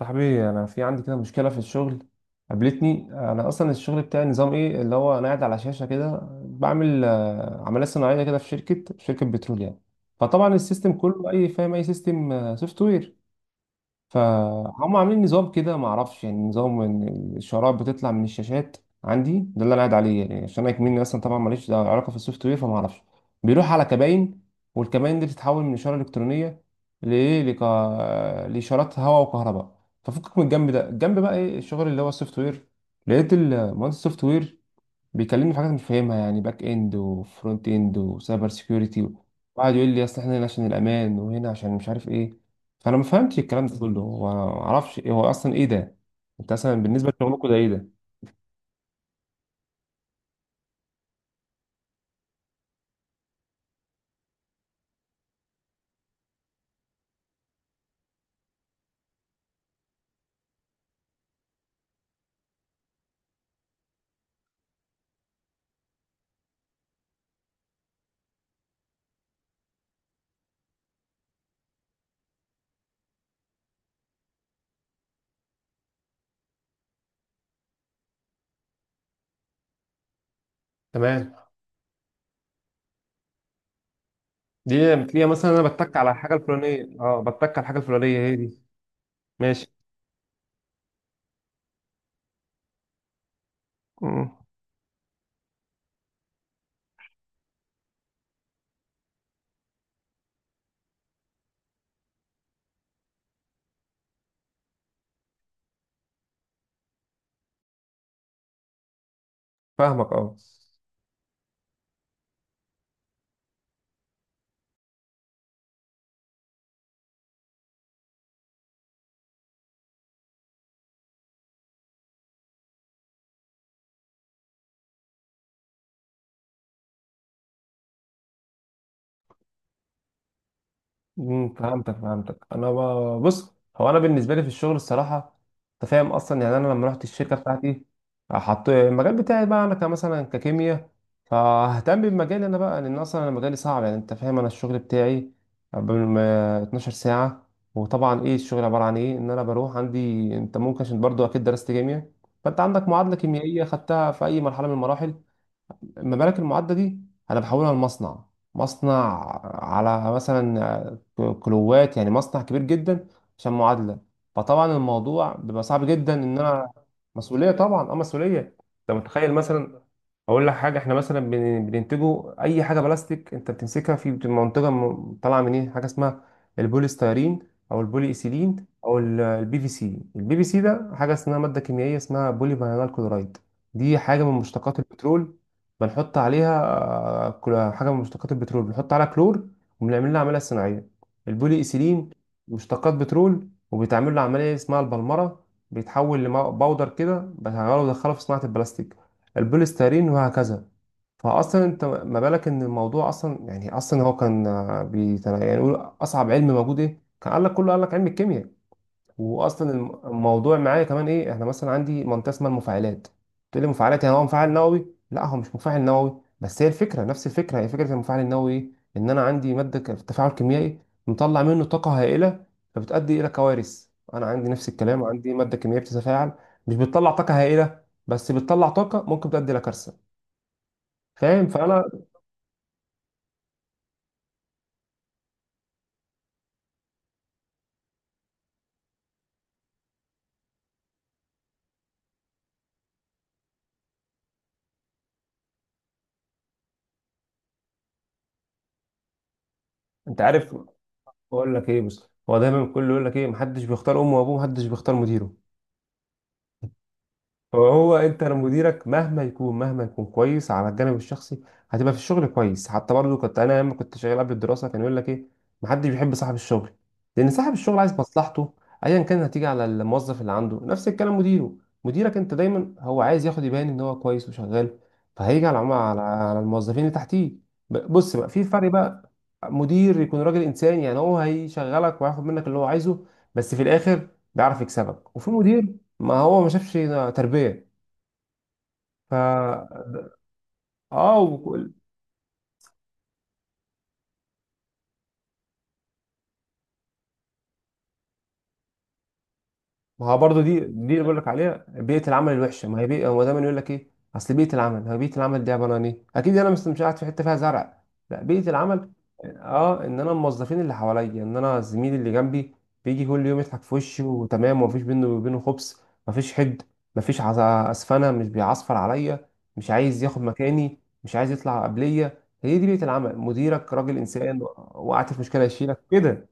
صاحبي انا في عندي كده مشكله في الشغل. قابلتني انا اصلا الشغل بتاعي نظام ايه اللي هو انا قاعد على شاشه كده بعمل عمليه صناعيه كده في شركه بترول يعني. فطبعا السيستم كله اي فاهم اي سيستم سوفت وير. فهم عاملين نظام كده ما اعرفش يعني نظام ان الشرائح بتطلع من الشاشات. عندي ده اللي انا قاعد عليه يعني عشان انا كمني اصلا طبعا ماليش علاقه في السوفت وير فما اعرفش. بيروح على كباين والكباين دي بتتحول من اشاره الكترونيه لايه لك... لاشارات هواء وكهرباء. ففكك من الجنب ده الجنب بقى ايه الشغل اللي هو السوفت وير. لقيت المهندس السوفت وير بيكلمني في حاجات مش فاهمها يعني باك اند وفرونت اند وسايبر سيكيورتي. وقعد يقول لي اصل احنا هنا عشان الامان وهنا عشان مش عارف ايه. فانا ما فهمتش الكلام ده كله وانا ما اعرفش ايه هو اصلا ايه ده. انت اصلا بالنسبه لشغلكم ده ايه ده؟ تمام. دي بتلاقيها مثلا انا بتك على الحاجه الفلانيه اه بتك على الحاجه الفلانيه هي دي. ماشي. مم. فاهمك اه. فهمتك فهمتك انا بص، هو انا بالنسبه لي في الشغل الصراحه. انت فاهم اصلا يعني انا لما رحت الشركه بتاعتي حط المجال بتاعي بقى انا كمثلا ككيمياء. فاهتم بمجالي انا بقى لان اصلا انا مجالي صعب، يعني انت فاهم انا الشغل بتاعي بال- 12 ساعه. وطبعا ايه الشغل عباره عن ايه ان انا بروح عندي. انت ممكن عشان برضو اكيد درست كيمياء فانت عندك معادله كيميائيه خدتها في اي مرحله من المراحل. المبالغ المعدة دي أنا بحولها لمصنع. مصنع على مثلا كيلوات، يعني مصنع كبير جدا عشان معادلة. فطبعا الموضوع بيبقى صعب جدا إن أنا. مسؤولية طبعا، أه مسؤولية. أنت متخيل مثلا. اقول لك حاجه، احنا مثلا بننتجه اي حاجه بلاستيك انت بتمسكها في بتبقى منتجه طالعه من ايه، حاجه اسمها البوليستيرين. او البولي ايثيلين او البي في سي. البي في سي ده حاجه اسمها ماده كيميائيه اسمها بولي فينال كلورايد. دي حاجه من مشتقات البترول بنحط عليها. حاجه من مشتقات البترول بنحط عليها كلور وبنعمل لها عمليه صناعيه. البولي ايثيلين مشتقات بترول وبيتعمل له عمليه اسمها البلمره. بيتحول لباودر كده بنغيره ودخله في صناعه البلاستيك، البوليسترين، وهكذا. فاصلا انت ما بالك ان الموضوع اصلا يعني اصلا هو كان يعني يقول اصعب علم موجود ايه كان قال لك، كله قال لك علم الكيمياء. واصلا الموضوع معايا كمان ايه، احنا مثلا عندي منطقه اسمها المفاعلات. تقول لي مفاعلات يعني هو مفاعل نووي؟ لا، هو مش مفاعل نووي، بس هي الفكره نفس الفكره، هي فكره المفاعل النووي ايه. ان انا عندي ماده تفاعل كيميائي مطلع منه طاقه هائله فبتؤدي الى كوارث. انا عندي نفس الكلام، عندي ماده كيميائيه بتتفاعل، مش بتطلع طاقه هائله بس بتطلع طاقه ممكن تؤدي الى كارثه. فاهم فانا. انت عارف. اقول لك ايه، بس هو دايما الكل يقول لك ايه، محدش بيختار امه وابوه، محدش بيختار مديره. فهو انت لو مديرك مهما يكون مهما يكون كويس على الجانب الشخصي هتبقى في الشغل كويس. حتى برضو كنت انا لما كنت شغال قبل الدراسه كان يقول لك ايه، محدش بيحب صاحب الشغل لان صاحب الشغل عايز مصلحته. ايا كان هتيجي على الموظف اللي عنده نفس الكلام مديره. مديرك انت دايما هو عايز ياخد، يبان ان هو كويس وشغال. فهيجي على على الموظفين اللي تحتيه. بص بقى في فرق بقى. مدير يكون راجل انسان، يعني هو هيشغلك وهياخد منك اللي هو عايزه بس في الاخر بيعرف يكسبك. وفي مدير ما هو ما شافش تربية. ف اه وك- ما هو برضه دي اللي بقول لك عليها، بيئة العمل الوحشة. ما هي بيئة، هو دايما يقول لك ايه اصل بيئة العمل، هو بيئة العمل دي عبارة عن ايه؟ اكيد انا مش مش قاعد في حتة فيها زرع. لا، بيئة العمل اه ان انا الموظفين اللي حواليا، ان انا الزميل اللي جنبي بيجي كل يوم يضحك في وشي وتمام ومفيش بينه وبينه خبص. مفيش حقد. مفيش عز- اسفنة، مش بيعصفر عليا، مش عايز ياخد مكاني، مش عايز يطلع قبليا. هي دي بيئة العمل، مديرك راجل انسان. وقعت في مشكلة يشيلك كده.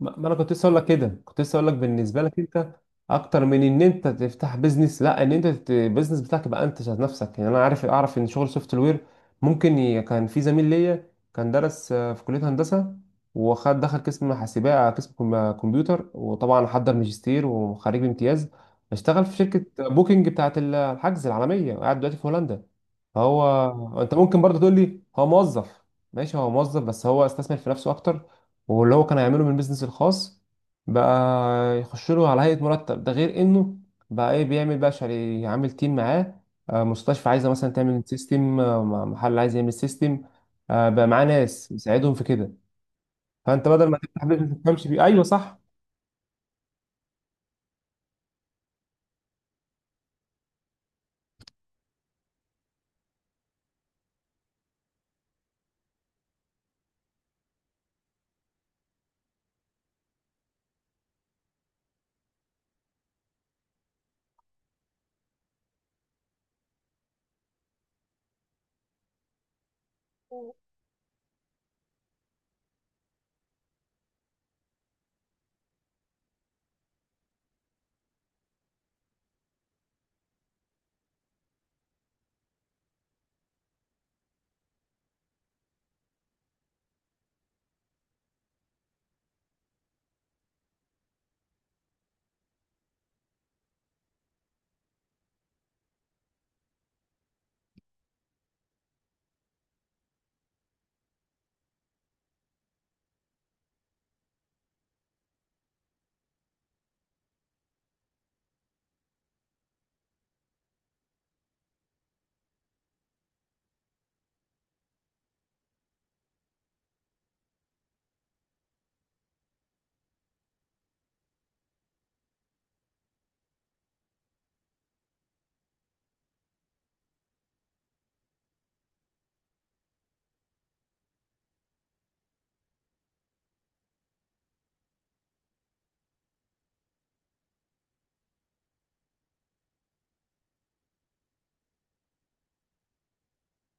ما انا كنت لسه اقول لك كده، كنت لسه اقول لك بالنسبه لك انت اكتر من ان انت تفتح بيزنس. لا، ان انت البيزنس بتاعك يبقى انت ذات نفسك. يعني انا عارف اعرف ان شغل سوفت وير كان في زميل ليا كان درس في كليه هندسه وخد دخل قسم حاسبات، قسم كمبيوتر، وطبعا حضر ماجستير وخريج بامتياز. اشتغل في شركه بوكينج بتاعه الحجز العالميه وقاعد دلوقتي في هولندا. فهو انت ممكن برضه تقول لي هو موظف. ماشي، هو موظف بس هو استثمر في نفسه اكتر. واللي هو كان هيعمله من البيزنس الخاص بقى يخش له على هيئة مرتب. ده غير انه بقى ايه بيعمل، بقى شاري عامل تيم معاه. مستشفى عايزة مثلا تعمل سيستم، محل عايز يعمل سيستم، بقى معاه ناس يساعدهم في كده. فانت بدل ما تفتح بيزنس ما تفهمش فيه، ايوه صح.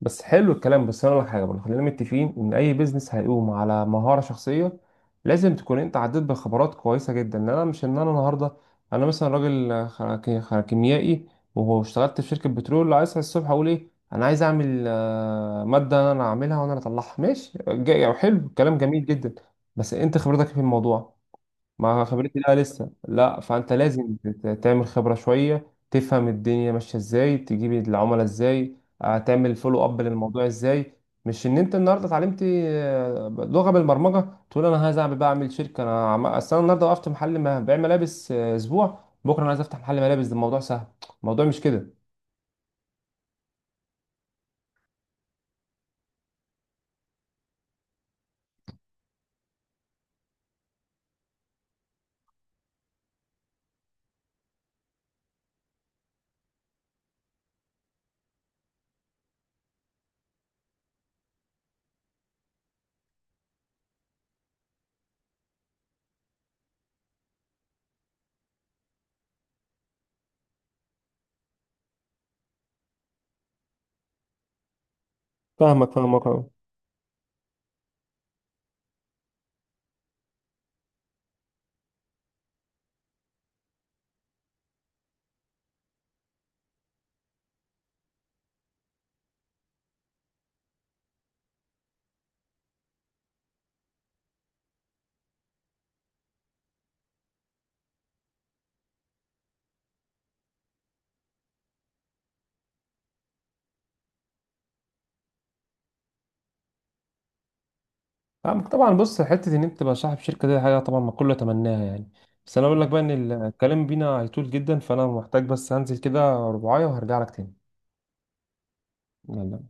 بس حلو الكلام، بس انا اقول لك حاجه برضه، خلينا متفقين ان اي بيزنس هيقوم على مهاره شخصيه. لازم تكون انت عديت بخبرات كويسه جدا، ان انا مش ان انا النهارده. انا مثلا راجل كيميائي واشتغلت في شركه بترول، لو عايز أصحى الصبح اقول ايه انا عايز اعمل ماده انا اعملها وانا اللي اطلعها. ماشي جاي، حلو، كلام جميل جدا، بس انت خبرتك إيه في الموضوع؟ ما خبرتي لا، لسه لا. فانت لازم تعمل خبرة شوية، تفهم الدنيا ماشية ازاي، تجيب العملاء ازاي، تعمل فولو اب للموضوع ازاي. مش ان انت النهارده اتعلمت لغة بالبرمجة تقول انا عايز اعمل بقى، اعمل شركة انا اصل انا النهارده وقفت محل ما بيع ملابس، اسبوع بكرة انا عايز افتح محل ملابس، ده الموضوع سهل. الموضوع مش كده. فاهمك فاهمك أوي. فاهمك طبعا، بص حته ان انت تبقى صاحب شركه دي حاجه طبعا ما كله يتمناها يعني. بس انا اقول لك بقى ان الكلام بينا هيطول جدا، فانا محتاج بس هنزل كده رباعية وهرجع لك تاني. يلا.